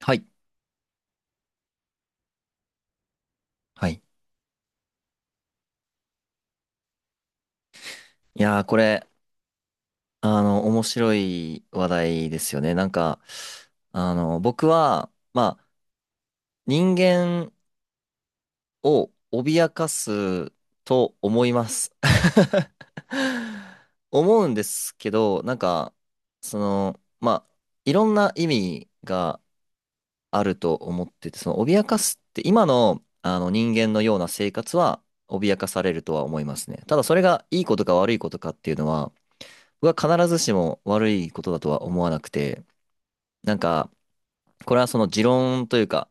はい。はい。いやー、これ、あの、面白い話題ですよね。僕は、人間を脅かすと思います。思うんですけど、その、まあ、いろんな意味があると思ってて、脅かすって、今の、あの、人間のような生活は、脅かされるとは思いますね。ただ、それがいいことか悪いことかっていうのは、必ずしも悪いことだとは思わなくて、なんか、これはその持論というか、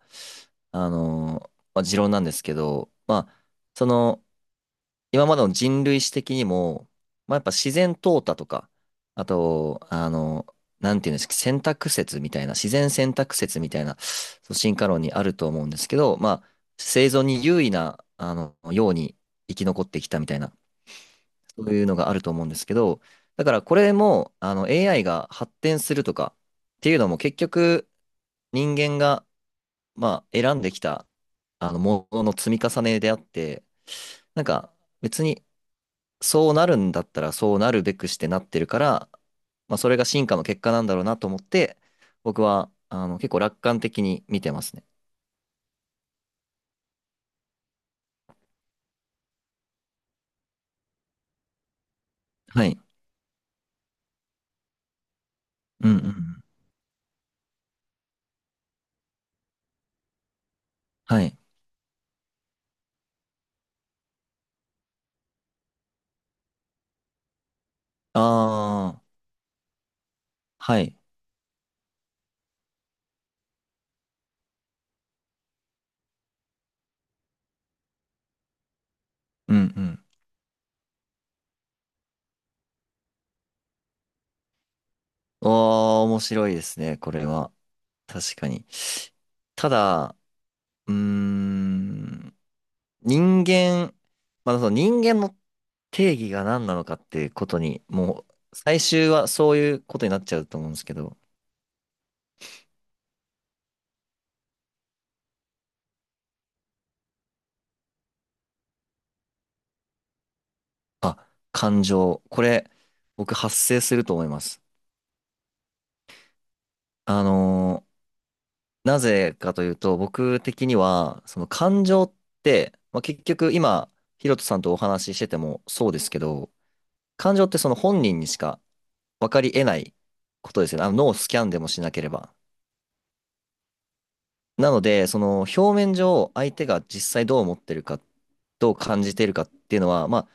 持論なんですけど、その、今までの人類史的にも、まあ、やっぱ自然淘汰とか、あと、あのーなんていうんですか、選択説みたいな、自然選択説みたいな、そう進化論にあると思うんですけど、まあ、生存に優位な、ように生き残ってきたみたいなそういうのがあると思うんですけど、だからこれも、AI が発展するとかっていうのも結局、人間が、まあ、選んできた、ものの積み重ねであって、なんか、別に、そうなるんだったら、そうなるべくしてなってるから、まあ、それが進化の結果なんだろうなと思って、僕は、結構楽観的に見てますね。はい。うんうんうん。はい。ああ、はい。うんうん。おー、面白いですね、これは。確かに。ただ、うーん、人間、まあ、その人間の定義が何なのかっていうことに、もう、最終はそういうことになっちゃうと思うんですけど、あ、感情。これ、僕発生すると思います。あのーなぜかというと、僕的には、その感情って、まあ、結局今、ヒロトさんとお話ししててもそうですけど、感情ってその本人にしか分かり得ないことですよね。あの脳をスキャンでもしなければ。なので、その表面上、相手が実際どう思ってるか、どう感じてるかっていうのは、まあ、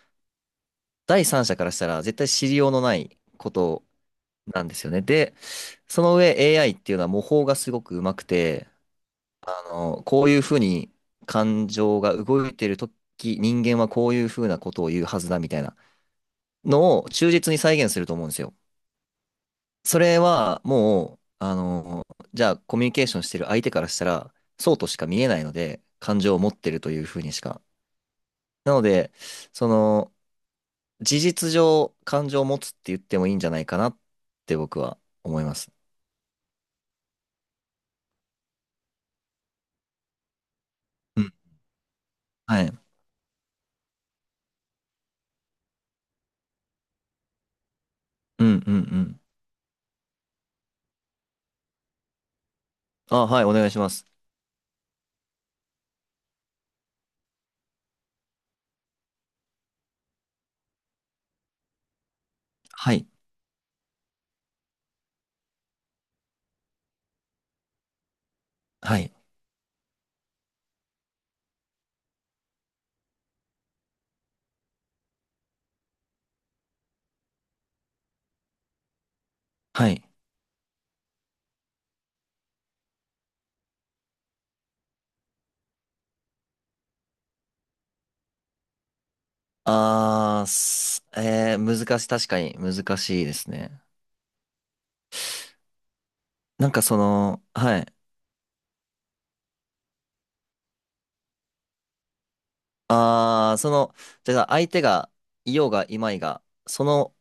第三者からしたら絶対知りようのないことなんですよね。で、その上 AI っていうのは模倣がすごくうまくて、こういうふうに感情が動いてるとき、人間はこういうふうなことを言うはずだみたいなのを忠実に再現すると思うんですよ。それはもう、じゃあコミュニケーションしてる相手からしたら、そうとしか見えないので、感情を持ってるというふうにしかなので、その、事実上、感情を持つって言ってもいいんじゃないかなって僕は思います。うん。はい。うんうんうん。あ、はい、お願いします。はい。はい。はい。あー、すえー、難しい、確かに難しいですね。はい。あー、その、だから相手がいようがいまいが、その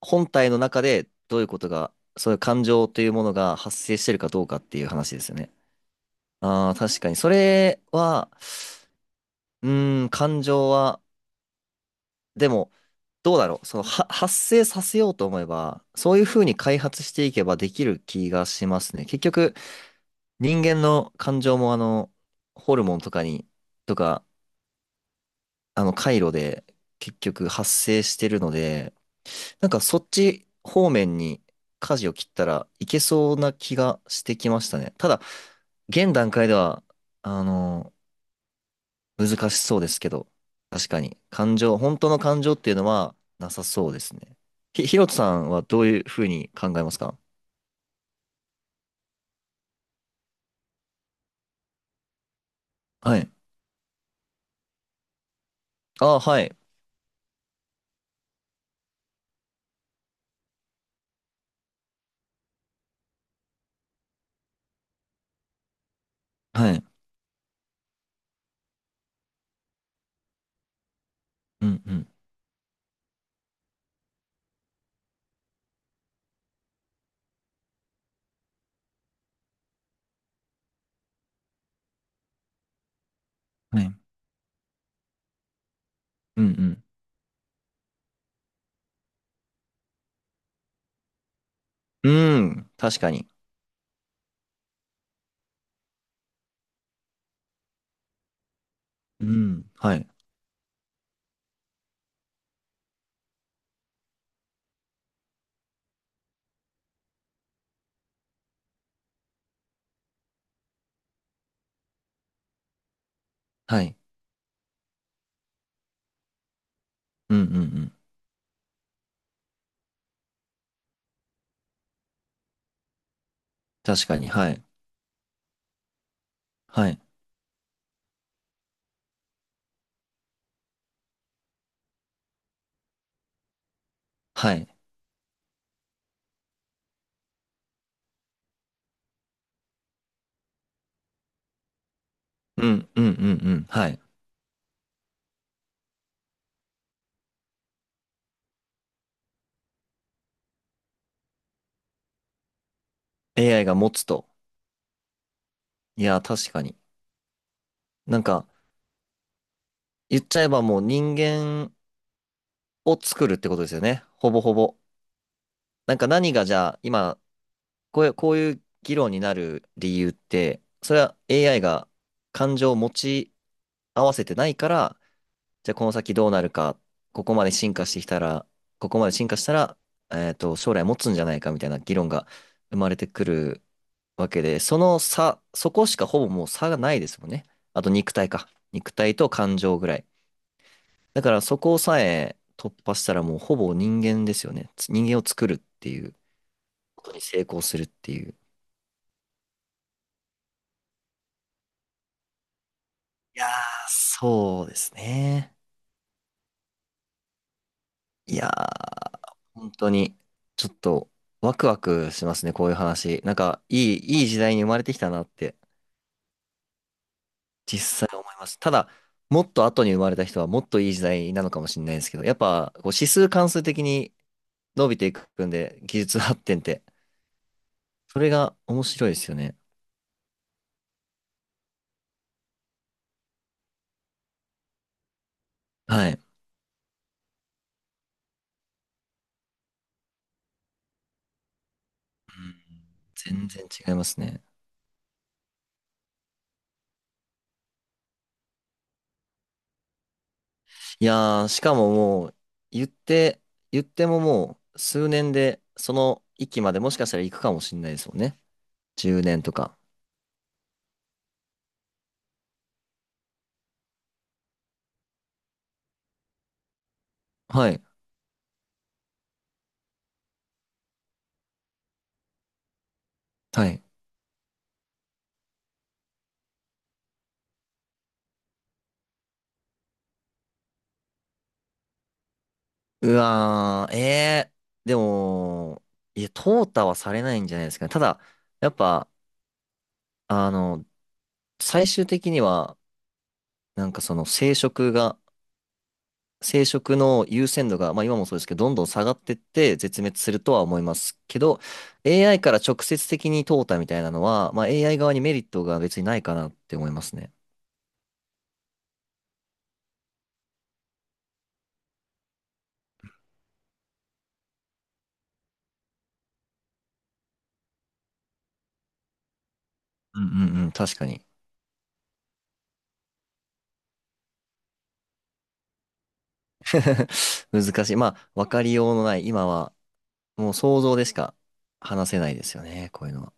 本体の中でどういうことが、そういう感情というものが発生してるかどうかっていう話ですよね。ああ、確かに。それは、うーん、感情は、でも、どうだろう。発生させようと思えば、そういうふうに開発していけばできる気がしますね。結局、人間の感情も、ホルモンとかに、とか、あの、回路で、結局発生してるので、なんかそっち方面に舵を切ったらいけそうな気がしてきましたね。ただ、現段階では、あの難しそうですけど、確かに、本当の感情っていうのはなさそうですね。ひろとさんはどういうふうに考えますか？はい。あ、はい。はい。うんうん。はい。うんうん。うん、確かに。うん、はい。はい。うんうんうん。確かに、はい。はい。はい。うんうんうんうん。はい。AI が持つと。いや、確かに。なんか、言っちゃえばもう人間を作るってことですよね。ほぼほぼ。なんか何がじゃあ、今、こういう、こういう議論になる理由って、それは AI が感情を持ち合わせてないから、じゃあこの先どうなるか、ここまで進化してきたら、ここまで進化したら、えっと、将来持つんじゃないかみたいな議論が生まれてくるわけで、その差、そこしかほぼもう差がないですもんね。あと肉体か。肉体と感情ぐらい。だからそこさえ突破したらもうほぼ人間ですよね。人間を作るっていうことに成功するっていう。いやー、そうですね。いやー、本当に、ちょっと、ワクワクしますね、こういう話。いい時代に生まれてきたなって、実際思います。ただ、もっと後に生まれた人は、もっといい時代なのかもしれないですけど、やっぱ、こう指数関数的に伸びていくんで、技術発展って、それが面白いですよね。はい。うん、全然違いますね。いやー、しかももう、言って、言ってももう、数年で、その域までもしかしたら行くかもしれないですもんね。10年とか。はい。はい。うわー、えー、でも、いや、淘汰はされないんじゃないですかね。ただ、やっぱ、あの、最終的には、その生殖が、生殖の優先度が、まあ、今もそうですけど、どんどん下がってって絶滅するとは思いますけど、AI から直接的に淘汰みたいなのは、まあ、AI 側にメリットが別にないかなって思いますね。うんうんうん、確かに。難しい。まあ、わかりようのない、今はもう想像でしか話せないですよね、こういうのは。